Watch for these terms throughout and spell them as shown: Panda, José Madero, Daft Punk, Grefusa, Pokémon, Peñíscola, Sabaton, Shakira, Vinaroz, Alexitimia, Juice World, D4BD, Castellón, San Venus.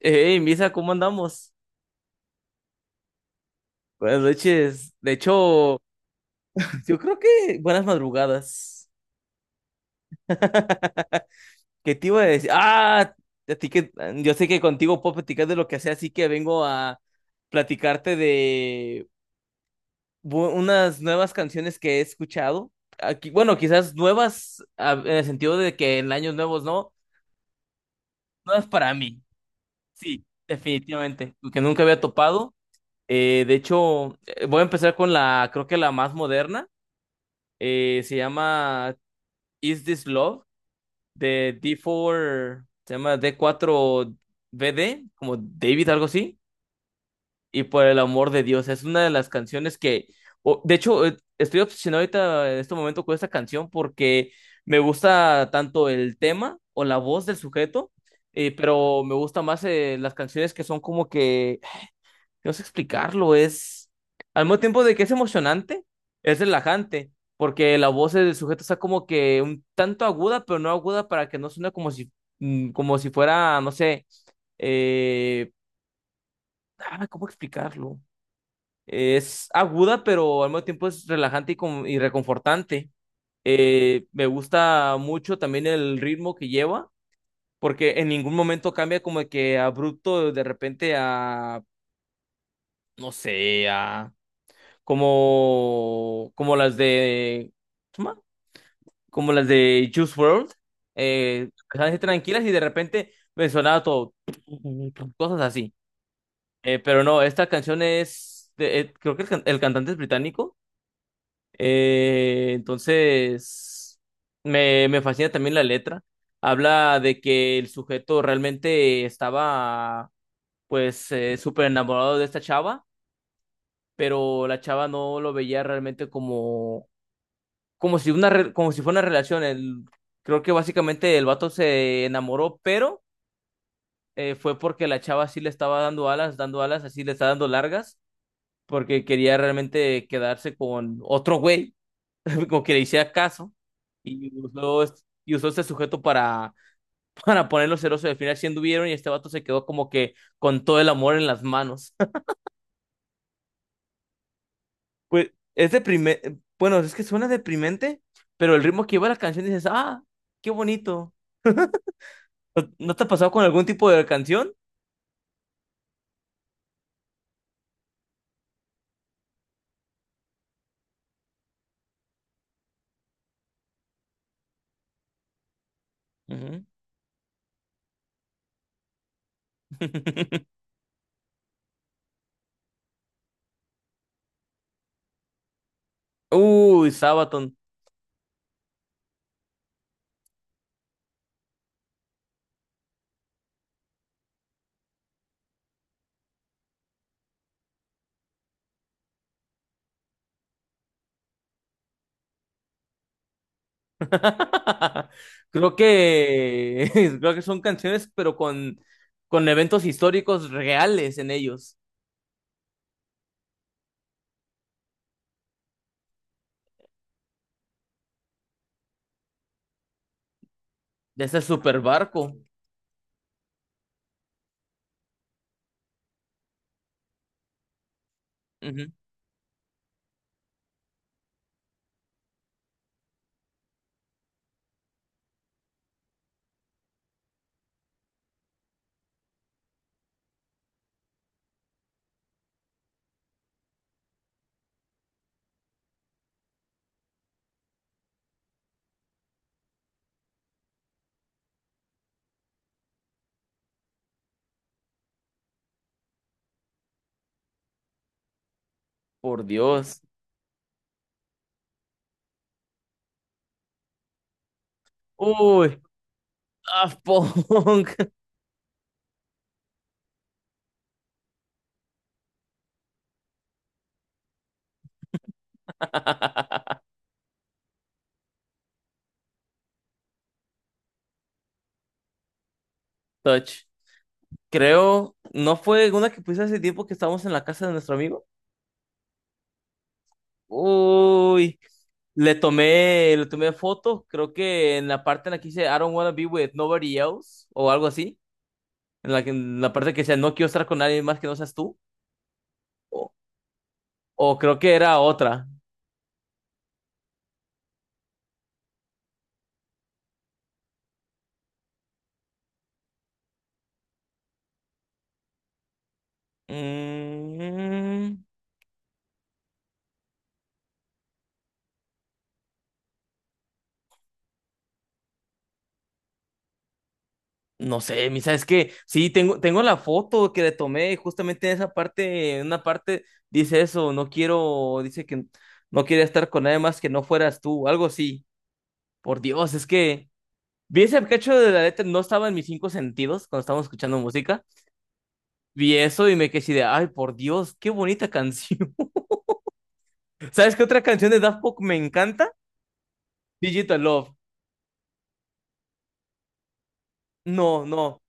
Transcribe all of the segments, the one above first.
Hey, Misa, ¿cómo andamos? Buenas noches. De hecho, yo creo que buenas madrugadas. ¿Qué te iba a decir? Ah, a ti que yo sé que contigo puedo platicar de lo que sea, así que vengo a platicarte de unas nuevas canciones que he escuchado. Aquí, bueno, quizás nuevas en el sentido de que en años nuevos no, nuevas para mí. Sí, definitivamente, que nunca había topado. De hecho, voy a empezar con la, creo que la más moderna. Se llama Is This Love de D4, se llama D4BD, como David, algo así. Y por el amor de Dios, es una de las canciones que, de hecho, estoy obsesionado ahorita en este momento con esta canción porque me gusta tanto el tema o la voz del sujeto, pero me gusta más las canciones que son como que no sé explicarlo, es al mismo tiempo de que es emocionante, es relajante, porque la voz del sujeto está como que un tanto aguda, pero no aguda para que no suene como si, como si fuera, no sé, eh, ah, ¿cómo explicarlo? Es aguda, pero al mismo tiempo es relajante y, y reconfortante. Me gusta mucho también el ritmo que lleva, porque en ningún momento cambia como que abrupto de repente a, no sé, a como las de, ¿cómo se llama? Como las de Juice World empezaban a ser tranquilas y de repente me sonaba todo, cosas así. Pero no, esta canción es, creo que el cantante es británico, entonces me fascina también la letra. Habla de que el sujeto realmente estaba, pues, súper enamorado de esta chava, pero la chava no lo veía realmente como si una como si fuera una relación. El, creo que básicamente el vato se enamoró, pero fue porque la chava sí le estaba dando alas, así le está dando largas, porque quería realmente quedarse con otro güey, como que le hiciera caso, y usó, y usó este sujeto para, para ponerlo celoso. Y al final sí anduvieron y este vato se quedó como que con todo el amor en las manos. Pues es deprimente, bueno, es que suena deprimente, pero el ritmo que iba la canción dices, ah, qué bonito. ¿No, no te ha pasado con algún tipo de canción? Ujú. Uy, Sabaton. Creo que creo que son canciones, pero con eventos históricos reales en ellos. De ese super barco. Por Dios. Uy, Daft Punk. Touch. Creo, ¿no fue una que puse hace tiempo que estábamos en la casa de nuestro amigo? Uy, le tomé foto, creo que en la parte en la que dice I don't wanna be with nobody else o algo así, en la que en la parte que dice no quiero estar con nadie más que no seas tú, o, o creo que era otra. Mm, no sé, misa, es que sí, tengo la foto que le tomé justamente en esa parte, en una parte dice eso, no quiero, dice que no quería estar con nadie más que no fueras tú, algo así. Por Dios, es que vi ese cacho de la letra, no estaba en mis cinco sentidos cuando estábamos escuchando música. Vi eso y me quedé así de, ay, por Dios, qué bonita canción. ¿Sabes qué otra canción de Daft Punk me encanta? Digital Love. No, no,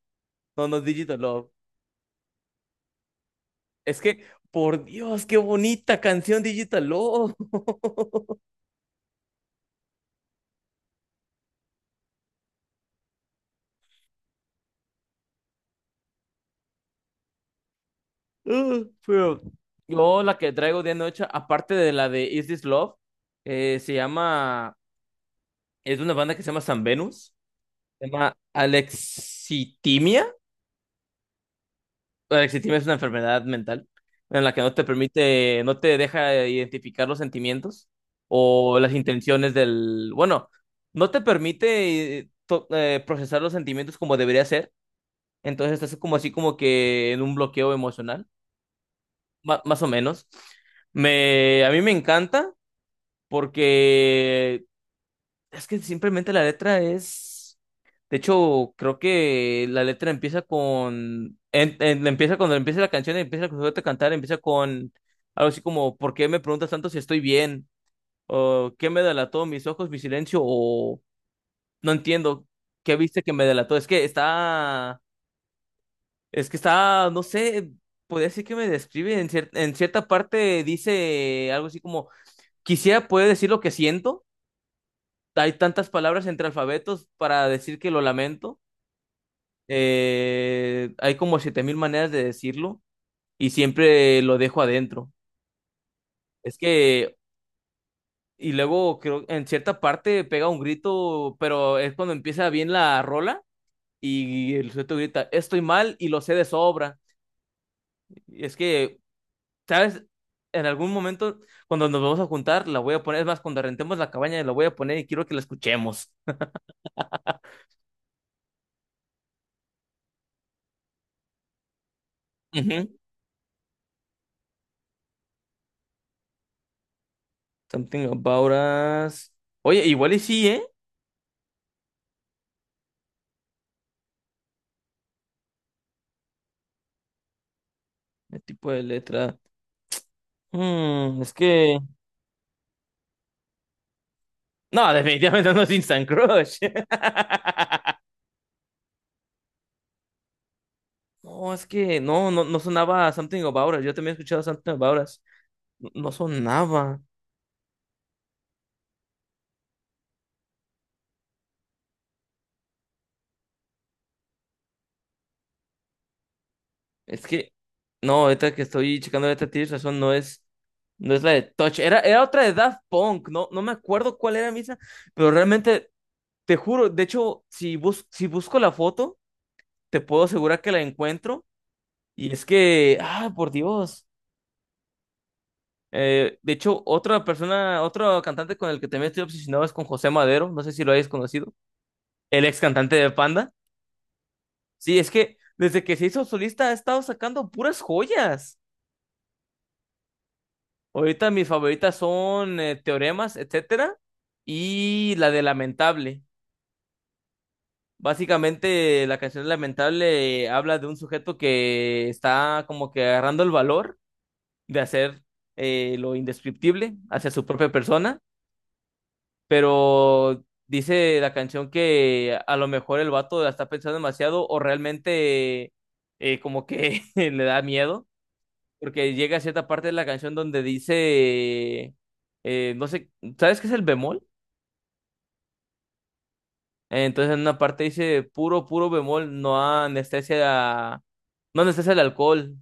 no, no, Digital Love. Es que, por Dios, qué bonita canción Digital Love. Pero yo la que traigo de noche, aparte de la de Is This Love, se llama, es de una banda que se llama San Venus, se llama Alexitimia. El exitismo es una enfermedad mental en la que no te permite, no te deja identificar los sentimientos o las intenciones del, bueno, no te permite procesar los sentimientos como debería ser, entonces estás como así como que en un bloqueo emocional, más o menos. A mí me encanta porque es que simplemente la letra es, de hecho, creo que la letra empieza con, empieza cuando empieza la canción, empieza a sujeto a cantar, empieza con algo así como: ¿Por qué me preguntas tanto si estoy bien? ¿O qué me delató? ¿Mis ojos, mi silencio? ¿O no entiendo qué viste que me delató? Es que está. Es que está. No sé. Podría decir que me describe. En cierta parte dice algo así como: Quisiera poder decir lo que siento. Hay tantas palabras entre alfabetos para decir que lo lamento. Hay como 7.000 maneras de decirlo y siempre lo dejo adentro. Es que, y luego creo en cierta parte pega un grito, pero es cuando empieza bien la rola y el sujeto grita, estoy mal y lo sé de sobra. Y es que, ¿sabes? En algún momento, cuando nos vamos a juntar, la voy a poner, es más, cuando rentemos la cabaña, la voy a poner y quiero que la escuchemos. Ujú. Something About Us. Oye, igual y sí, ¿eh? El tipo de letra. Es que. No, definitivamente no es Instant Crush. No, es que no, no, no sonaba Something About Us. Yo también he escuchado Something About Us. No, no sonaba. Es que, no, ahorita que estoy checando esta tienes razón, no es la de Touch. Era otra de Daft Punk. No, no me acuerdo cuál era misma, pero realmente, te juro, de hecho, si busco la foto, te puedo asegurar que la encuentro. Y es que, ah, por Dios. De hecho, otra persona, otro cantante con el que también estoy obsesionado es con José Madero. No sé si lo hayas conocido. El ex cantante de Panda. Sí, es que desde que se hizo solista ha estado sacando puras joyas. Ahorita mis favoritas son Teoremas, etcétera, y la de Lamentable. Básicamente, la canción Lamentable habla de un sujeto que está como que agarrando el valor de hacer lo indescriptible hacia su propia persona, pero dice la canción que a lo mejor el vato la está pensando demasiado o realmente como que le da miedo, porque llega a cierta parte de la canción donde dice, no sé, ¿sabes qué es el bemol? Entonces en una parte dice puro, puro bemol, no anestesia, no anestesia el alcohol,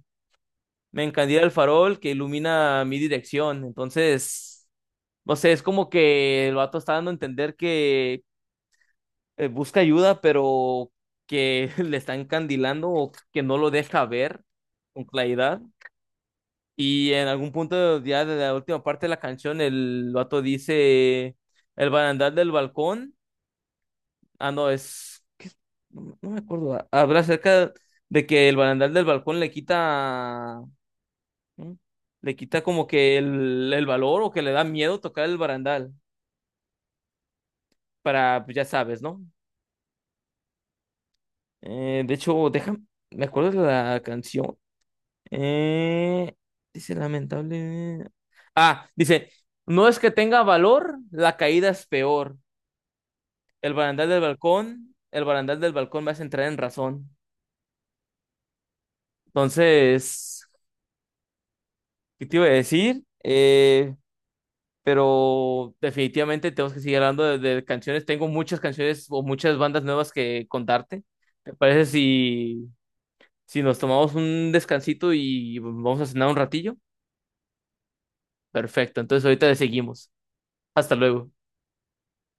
me encandila el farol que ilumina mi dirección, entonces. No sé, es como que el vato está dando a entender que busca ayuda, pero que le está encandilando o que no lo deja ver con claridad. Y en algún punto ya de la última parte de la canción, el vato dice, el barandal del balcón, ah, no, es, ¿qué es? No, no me acuerdo, ah, habla acerca de que el barandal del balcón le quita, ¿no? Le quita como que el valor o que le da miedo tocar el barandal, para, pues, ya sabes, ¿no? De hecho, déjame, me acuerdo de la canción. Eh, dice lamentable. Ah, dice, no es que tenga valor, la caída es peor. El barandal del balcón, el barandal del balcón me hace entrar en razón. Entonces, ¿qué te iba a decir? Pero definitivamente tenemos que seguir hablando de, canciones. Tengo muchas canciones o muchas bandas nuevas que contarte. ¿Te parece si, si nos tomamos un descansito y vamos a cenar un ratillo? Perfecto, entonces ahorita le seguimos. Hasta luego.